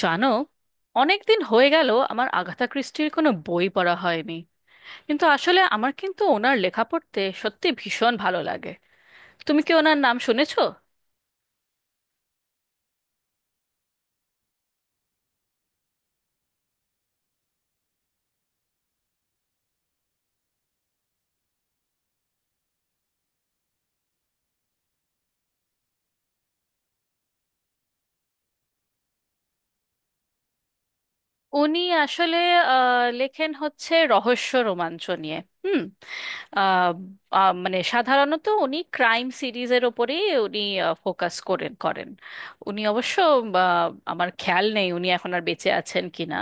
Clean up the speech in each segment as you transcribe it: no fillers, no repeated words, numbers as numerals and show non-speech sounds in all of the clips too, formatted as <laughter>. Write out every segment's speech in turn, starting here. জানো, অনেকদিন হয়ে গেল আমার আগাথা ক্রিস্টির কোনো বই পড়া হয়নি। কিন্তু আসলে আমার কিন্তু ওনার লেখা পড়তে সত্যি ভীষণ ভালো লাগে। তুমি কি ওনার নাম শুনেছো? উনি আসলে লেখেন হচ্ছে রহস্য রোমাঞ্চ নিয়ে। হুম। আহ, আহ, মানে সাধারণত উনি ক্রাইম সিরিজের ওপরেই উনি ফোকাস করেন করেন। উনি অবশ্য, আমার খেয়াল নেই উনি এখন আর বেঁচে আছেন কিনা।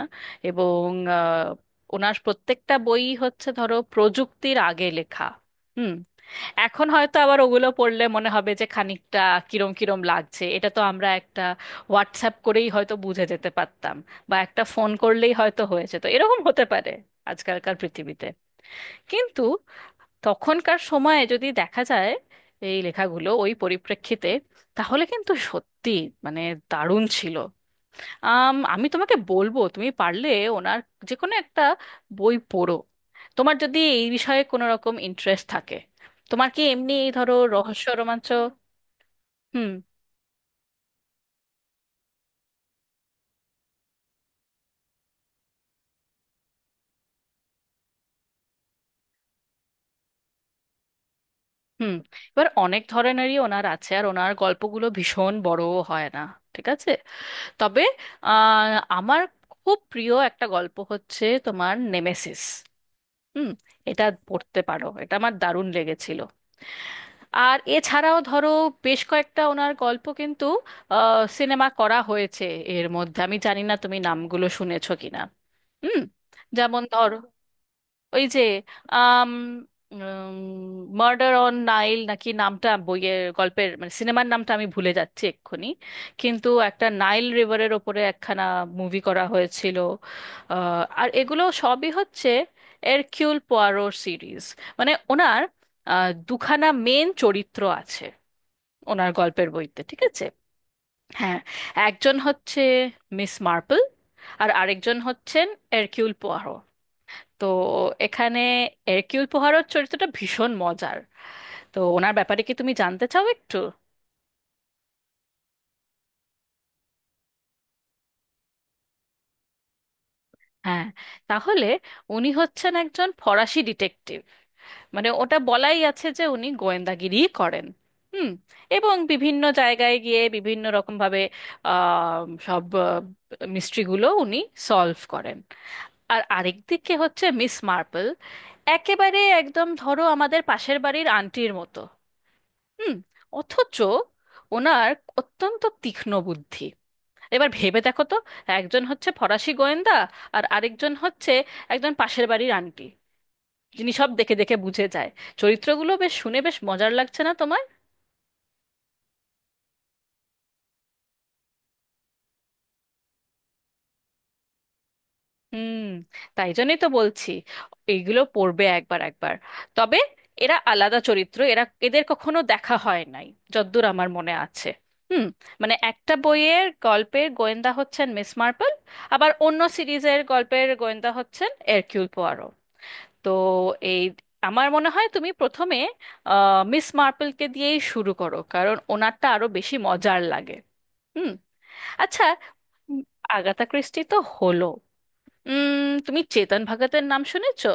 এবং আহ, ওনার প্রত্যেকটা বই হচ্ছে ধরো প্রযুক্তির আগে লেখা। হুম। এখন হয়তো আবার ওগুলো পড়লে মনে হবে যে খানিকটা কিরম কিরম লাগছে। এটা তো আমরা একটা হোয়াটসঅ্যাপ করেই হয়তো বুঝে যেতে পারতাম, বা একটা ফোন করলেই হয়তো হয়েছে, তো এরকম হতে পারে আজকালকার পৃথিবীতে। কিন্তু তখনকার সময়ে যদি দেখা যায় এই লেখাগুলো ওই পরিপ্রেক্ষিতে, তাহলে কিন্তু সত্যি মানে দারুণ ছিল। আমি তোমাকে বলবো, তুমি পারলে ওনার যে কোনো একটা বই পড়ো। তোমার যদি এই বিষয়ে কোনো রকম ইন্টারেস্ট থাকে। তোমার কি এমনি এই ধরো রহস্য রোমাঞ্চ? হুম। হুম। এবার অনেক ধরনেরই ওনার আছে, আর ওনার গল্পগুলো ভীষণ বড় হয় না। ঠিক আছে। তবে আহ, আমার খুব প্রিয় একটা গল্প হচ্ছে তোমার নেমেসিস। হুম। এটা পড়তে পারো, এটা আমার দারুণ লেগেছিল। আর এছাড়াও ধরো, বেশ কয়েকটা ওনার গল্প কিন্তু সিনেমা করা হয়েছে। এর মধ্যে আমি জানি না তুমি নামগুলো শুনেছো কিনা। হুম। যেমন ধরো ওই যে আম মার্ডার অন নাইল নাকি নামটা, বইয়ের গল্পের মানে সিনেমার নামটা আমি ভুলে যাচ্ছি এক্ষুনি, কিন্তু একটা নাইল রিভারের ওপরে একখানা মুভি করা হয়েছিল। আর এগুলো সবই হচ্ছে এরকিউল পোয়ারোর সিরিজ। মানে ওনার দুখানা মেন চরিত্র আছে ওনার গল্পের বইতে, ঠিক আছে? হ্যাঁ, একজন হচ্ছে মিস মার্পল, আর আরেকজন হচ্ছেন এরকিউল পোয়ারো। তো এখানে এরকিউল পোহারোর চরিত্রটা ভীষণ মজার। তো ওনার ব্যাপারে কি তুমি জানতে চাও একটু? হ্যাঁ, তাহলে উনি হচ্ছেন একজন ফরাসি ডিটেকটিভ। মানে ওটা বলাই আছে যে উনি গোয়েন্দাগিরি করেন। হুম। এবং বিভিন্ন জায়গায় গিয়ে বিভিন্ন রকম ভাবে আহ, সব মিস্ট্রিগুলো উনি সলভ করেন। আর আরেক দিকে হচ্ছে মিস মার্পল, একেবারে একদম ধরো আমাদের পাশের বাড়ির আন্টির মতো। হুম। অথচ ওনার অত্যন্ত তীক্ষ্ণ বুদ্ধি। এবার ভেবে দেখো তো, একজন হচ্ছে ফরাসি গোয়েন্দা, আর আরেকজন হচ্ছে একজন পাশের বাড়ির আন্টি যিনি সব দেখে দেখে বুঝে যায়। চরিত্রগুলো বেশ শুনে বেশ মজার লাগছে না তোমার? হুম। তাই জন্যই তো বলছি, এইগুলো পড়বে একবার একবার। তবে এরা আলাদা চরিত্র, এরা এদের কখনো দেখা হয় নাই যদ্দূর আমার মনে আছে। হুম। মানে একটা বইয়ের গল্পের গোয়েন্দা হচ্ছেন মিস মার্পল, আবার অন্য সিরিজের গল্পের গোয়েন্দা হচ্ছেন এরকিউল পোয়ারো। তো এই, আমার মনে হয় তুমি প্রথমে মিস মার্পলকে দিয়েই শুরু করো, কারণ ওনারটা আরো বেশি মজার লাগে। হুম। আচ্ছা। উম, আগাথা ক্রিস্টি তো হলো, তুমি চেতন ভগতের নাম শুনেছো?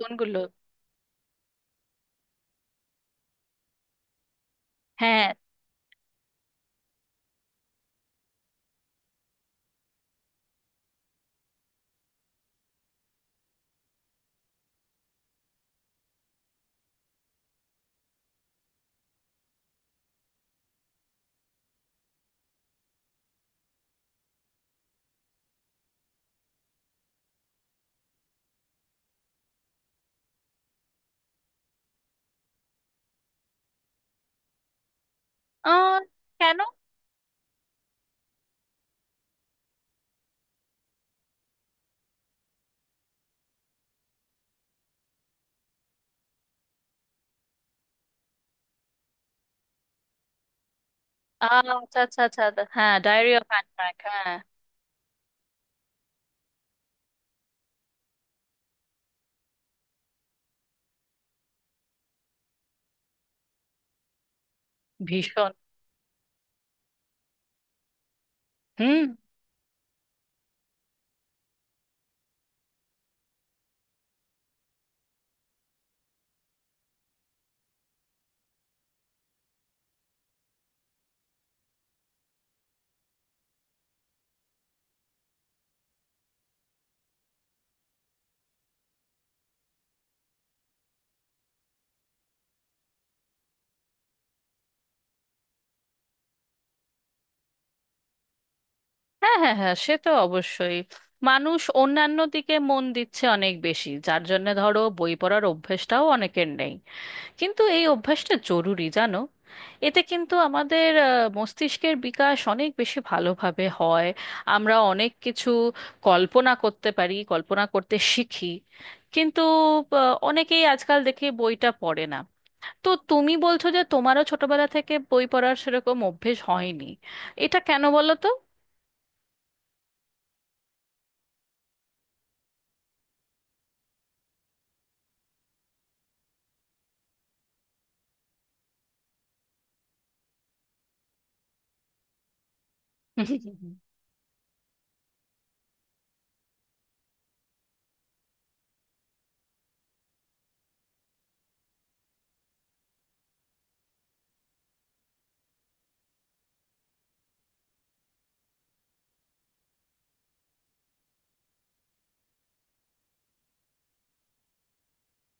কোনগুলো? হ্যাঁ। আহ কেন? আচ্ছা আচ্ছা আচ্ছা আচ্ছা, হ্যাঁ ডায়েরি অফ অ্যান ফ্র্যাঙ্ক, হ্যাঁ। ভীষণ। হুম। হ্যাঁ হ্যাঁ হ্যাঁ, সে তো অবশ্যই। মানুষ অন্যান্য দিকে মন দিচ্ছে অনেক বেশি, যার জন্য ধরো বই পড়ার অভ্যেসটাও অনেকের নেই। কিন্তু এই অভ্যাসটা জরুরি জানো, এতে কিন্তু আমাদের মস্তিষ্কের বিকাশ অনেক বেশি ভালোভাবে হয়। আমরা অনেক কিছু কল্পনা করতে পারি, কল্পনা করতে শিখি। কিন্তু অনেকেই আজকাল দেখে বইটা পড়ে না। তো তুমি বলছো যে তোমারও ছোটবেলা থেকে বই পড়ার সেরকম অভ্যেস হয়নি, এটা কেন বলো তো?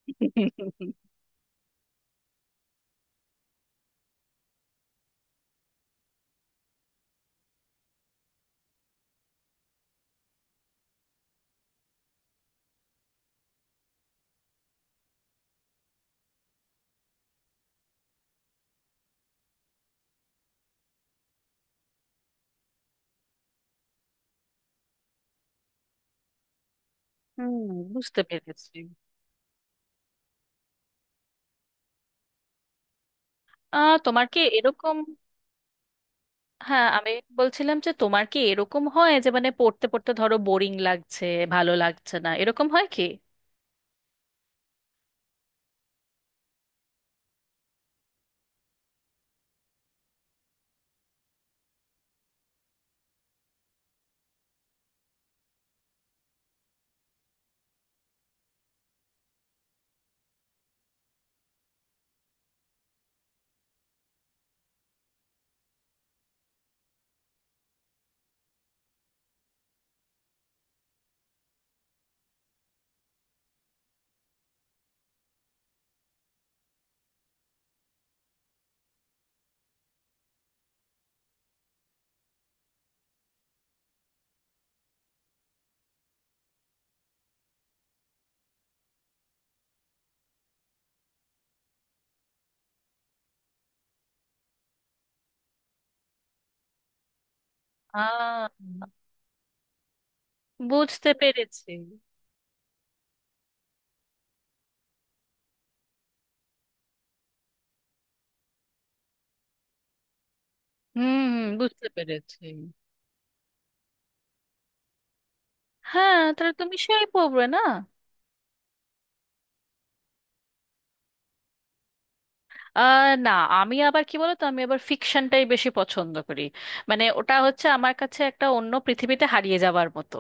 <laughs> হুম, বুঝতে পেরেছি। তোমার কি এরকম? হ্যাঁ, আমি বলছিলাম যে তোমার কি এরকম হয় যে মানে পড়তে পড়তে ধরো বোরিং লাগছে, ভালো লাগছে না, এরকম হয় কি? আহ বুঝতে পেরেছি। হুম হুম, বুঝতে পেরেছি। হ্যাঁ, তাহলে তুমি সেই পড়বে না। না, আমি আবার কি বলতো, আমি আবার ফিকশনটাই বেশি পছন্দ করি। মানে ওটা হচ্ছে আমার কাছে একটা অন্য পৃথিবীতে হারিয়ে যাওয়ার মতো।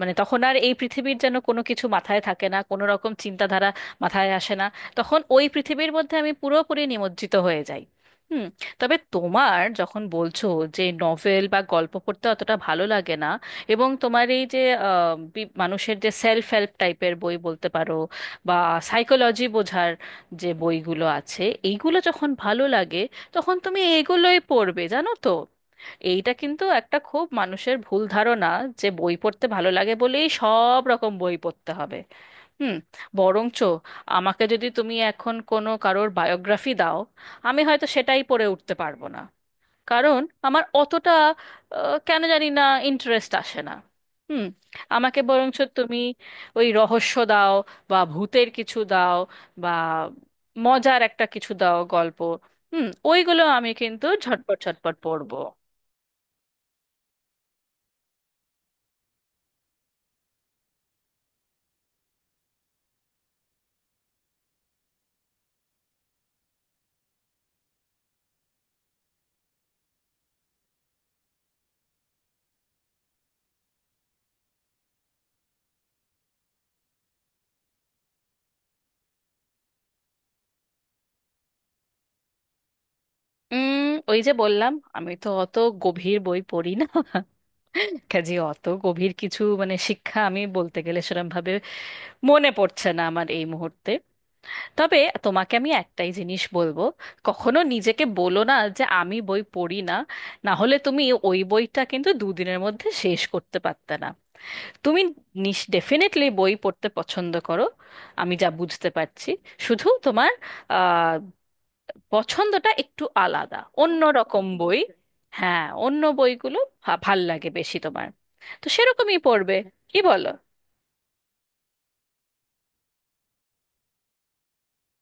মানে তখন আর এই পৃথিবীর যেন কোনো কিছু মাথায় থাকে না, কোনো রকম চিন্তাধারা মাথায় আসে না। তখন ওই পৃথিবীর মধ্যে আমি পুরোপুরি নিমজ্জিত হয়ে যাই। হুম। তবে তোমার যখন বলছো যে নভেল বা গল্প পড়তে অতটা ভালো লাগে না, এবং তোমার এই যে মানুষের যে সেলফ হেল্প টাইপের বই বলতে পারো, বা সাইকোলজি বোঝার যে বইগুলো আছে, এইগুলো যখন ভালো লাগে, তখন তুমি এগুলোই পড়বে জানো তো। এইটা কিন্তু একটা খুব মানুষের ভুল ধারণা যে বই পড়তে ভালো লাগে বলেই সব রকম বই পড়তে হবে। হুম। বরঞ্চ আমাকে যদি তুমি এখন কোনো কারোর বায়োগ্রাফি দাও, আমি হয়তো সেটাই পড়ে উঠতে পারবো না। কারণ আমার অতটা, কেন জানি না, ইন্টারেস্ট আসে না। হুম। আমাকে বরঞ্চ তুমি ওই রহস্য দাও, বা ভূতের কিছু দাও, বা মজার একটা কিছু দাও গল্প। হুম, ওইগুলো আমি কিন্তু ঝটপট ঝটপট পড়বো। উম ওই যে বললাম, আমি তো অত গভীর বই পড়ি না। কাজে অত গভীর কিছু মানে শিক্ষা আমি বলতে গেলে সেরম ভাবে মনে পড়ছে না আমার এই মুহূর্তে। তবে তোমাকে আমি একটাই জিনিস বলবো, কখনো নিজেকে বলো না যে আমি বই পড়ি না। না হলে তুমি ওই বইটা কিন্তু দুদিনের মধ্যে শেষ করতে পারতে না। তুমি নিস ডেফিনেটলি বই পড়তে পছন্দ করো, আমি যা বুঝতে পারছি। শুধু তোমার আহ, পছন্দটা একটু আলাদা, অন্য রকম বই। হ্যাঁ, অন্য বইগুলো ভাল লাগে বেশি তোমার। তো সেরকমই পড়বে, কি বলো?